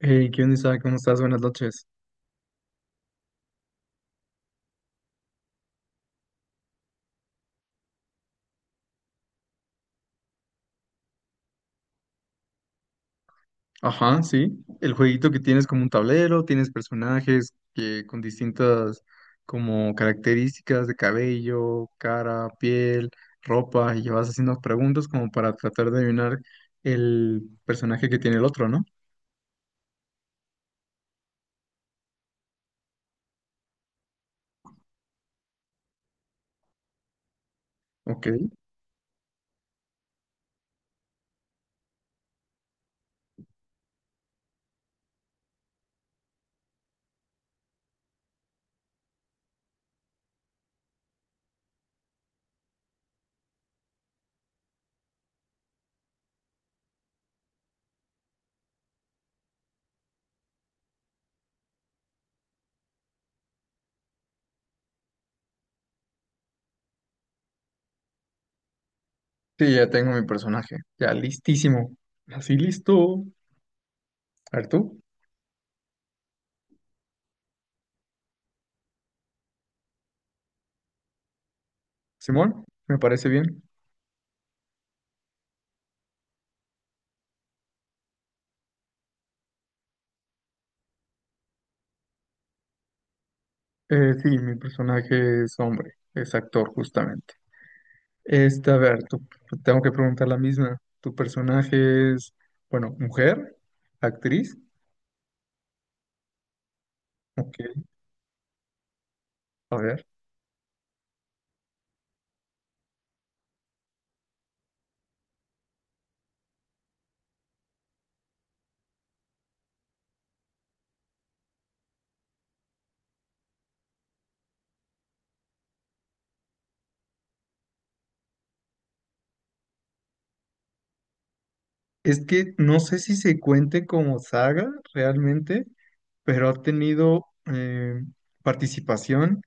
Hey, ¿qué onda, Isaac? ¿Cómo estás? Buenas noches. Ajá, sí. El jueguito que tienes como un tablero, tienes personajes que con distintas como características de cabello, cara, piel, ropa, y vas haciendo preguntas como para tratar de adivinar el personaje que tiene el otro, ¿no? Ok. Sí, ya tengo mi personaje. Ya listísimo. Así listo. A ver tú. Simón, me parece bien. Sí, mi personaje es hombre, es actor justamente. Esta, a ver, pues, tengo que preguntar la misma. ¿Tu personaje es, bueno, mujer, actriz? Ok, a ver. Es que no sé si se cuente como saga realmente, pero ha tenido participación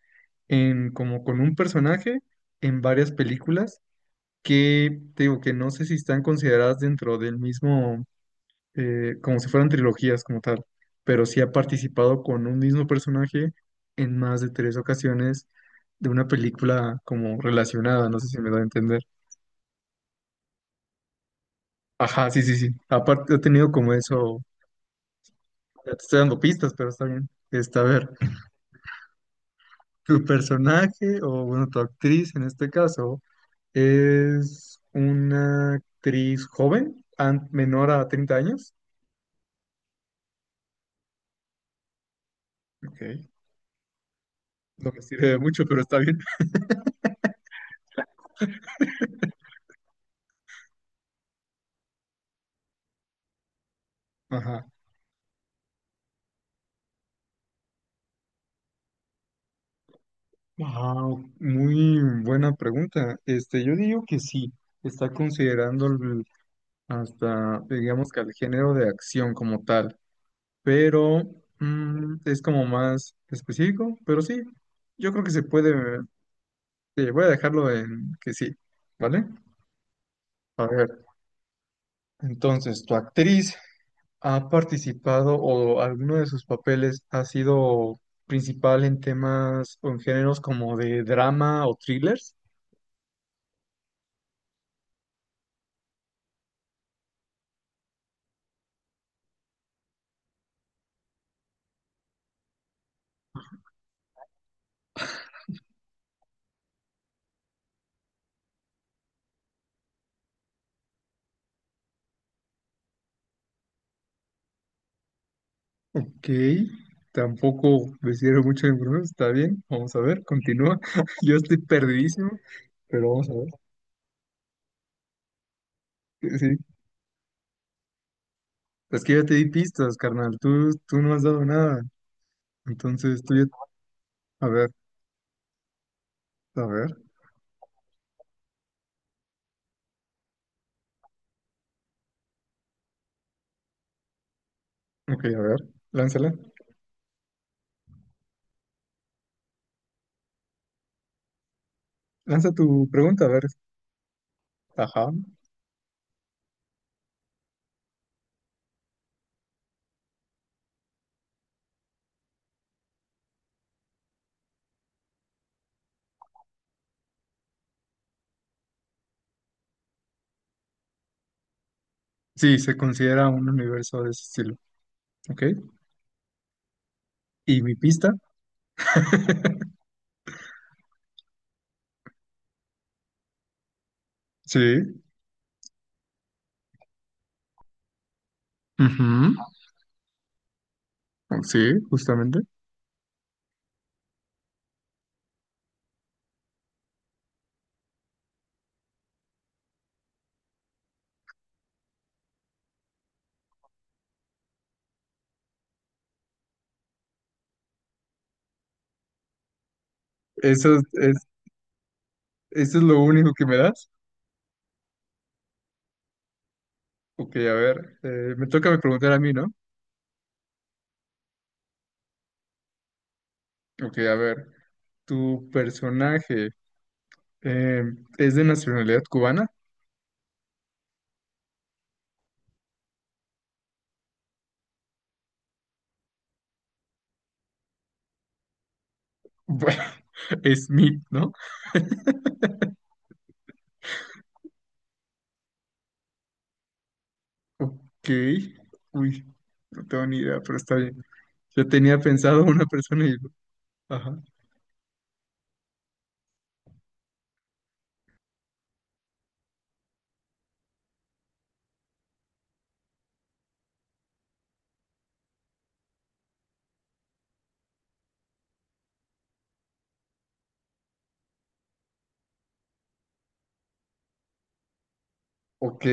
en como con un personaje en varias películas que te digo que no sé si están consideradas dentro del mismo como si fueran trilogías como tal, pero sí ha participado con un mismo personaje en más de tres ocasiones de una película como relacionada, no sé si me doy a entender. Ajá, sí, sí, sí. Aparte, he tenido como eso, ya te estoy dando pistas, pero está bien. Está, a ver, tu personaje o bueno, tu actriz en este caso es una actriz joven, menor a 30 años. Ok. No me sirve de mucho, pero está bien. Ajá. Wow, muy buena pregunta. Este, yo digo que sí, está considerando hasta, digamos que al género de acción como tal, pero es como más específico, pero sí, yo creo que se puede, sí, voy a dejarlo en que sí, ¿vale? A ver, entonces, ¿tu actriz ha participado o alguno de sus papeles ha sido principal en temas o en géneros como de drama o thrillers? Ok, tampoco me sirve mucho en brujo, está bien, vamos a ver, continúa. Yo estoy perdidísimo, pero vamos a ver. Sí, sí. Es que ya te di pistas, carnal, tú no has dado nada. Entonces tú ya... A ver, a ver, ok, a ver, lánzala. Lanza tu pregunta, a ver. Ajá. Sí, se considera un universo de ese estilo, ok. ¿Y mi pista? Sí. Ujú. Sí, justamente. Eso es, eso es lo único que me das. Ok, a ver, me toca preguntar a mí, ¿no? Ok, a ver, ¿tu personaje eh, es de nacionalidad cubana? Bueno, es Smith, ¿no? Ok, uy, no tengo ni idea, pero está bien. Yo tenía pensado una persona y... Ajá. Ok,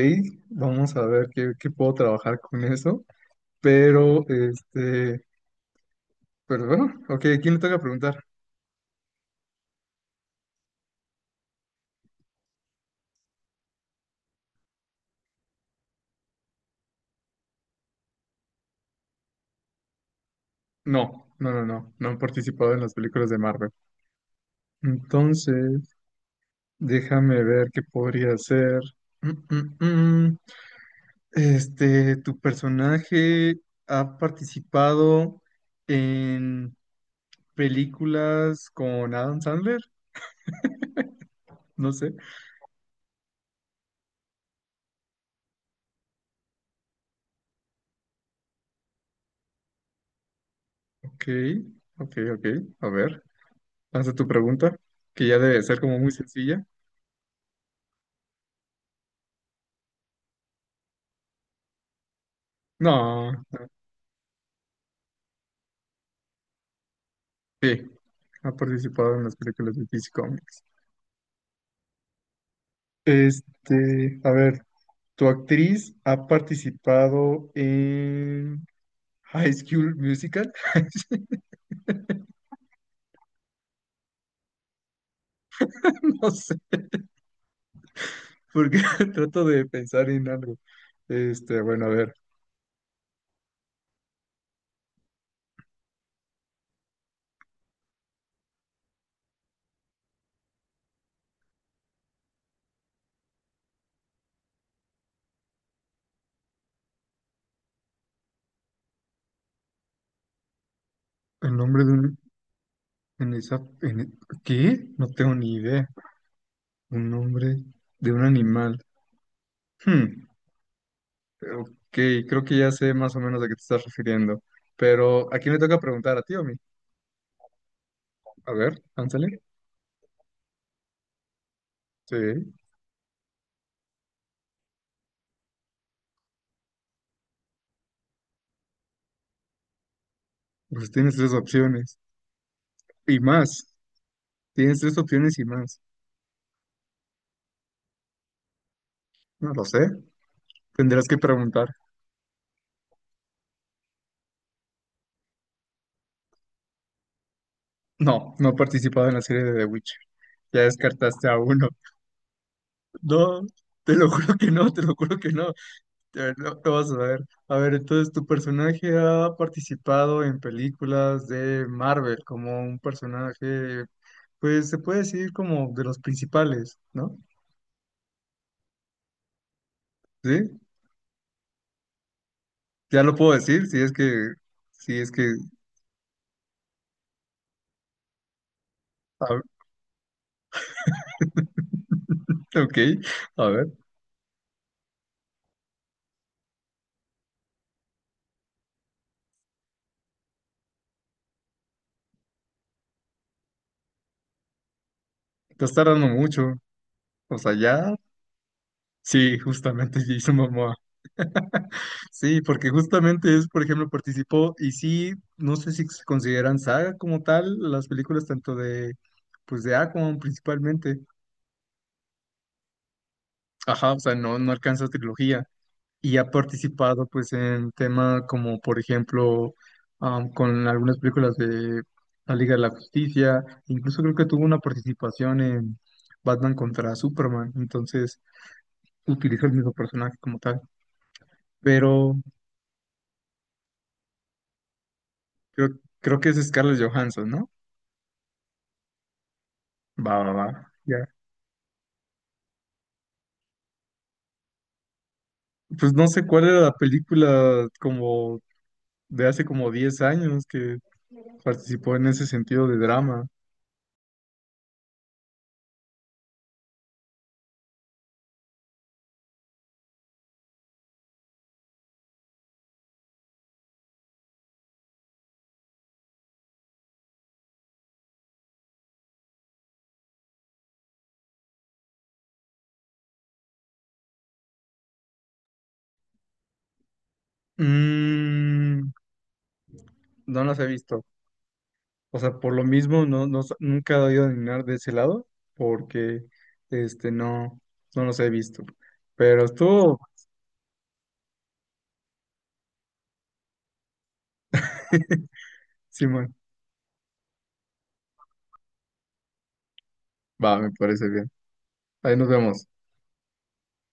vamos a ver qué, qué puedo trabajar con eso, pero, este, pero bueno, ok, ¿quién le toca preguntar? No, no, no, no, no han participado en las películas de Marvel. Entonces... Déjame ver qué podría ser. Mm, mm, mm. Este, ¿tu personaje ha participado en películas con Adam Sandler? No sé. Ok, ok, ok. A ver, lanza tu pregunta, que ya debe ser como muy sencilla. No, sí, ha participado en las películas de DC Comics. Este, a ver, ¿tu actriz ha participado en High School Musical? No sé, porque trato de pensar en algo. Este, bueno, a ver, el nombre de un, en esa, en, ¿qué? No tengo ni idea. Un nombre de un animal. Hmm, ok, creo que ya sé más o menos a qué te estás refiriendo. Pero, ¿a quién le toca preguntar? ¿A ti o a mí? A ver, ánsale. Sí, pues tienes tres opciones. Y más. Tienes tres opciones y más. No lo sé. Tendrás que preguntar. No, no he participado en la serie de The Witcher. Ya descartaste a uno. No, te lo juro que no, te lo juro que no. Te- No, no vas a ver. A ver, entonces, ¿tu personaje ha participado en películas de Marvel como un personaje, pues se puede decir como de los principales, ¿no? ¿Sí? Ya lo puedo decir, si es que, si es que, a ok, a ver, te estás tardando mucho. O sea, ya Sí, justamente Jason Momoa. Sí, porque justamente es, por ejemplo, participó y sí, no sé si se consideran saga como tal las películas tanto de, pues de Aquaman principalmente. Ajá, o sea, no, no alcanza trilogía y ha participado pues en tema como, por ejemplo, con algunas películas de La Liga de la Justicia, incluso creo que tuvo una participación en Batman contra Superman, entonces utilizó el mismo personaje como tal. Pero Creo, creo que es Scarlett Johansson, ¿no? Va, va, va. Ya. Pues no sé cuál era la película como de hace como 10 años que participó en ese sentido de drama. Mm, no las he visto. O sea, por lo mismo no, no, nunca he ido a adivinar de ese lado porque este no, no los he visto. Pero estuvo, Simón. Va, me parece bien. Ahí nos vemos.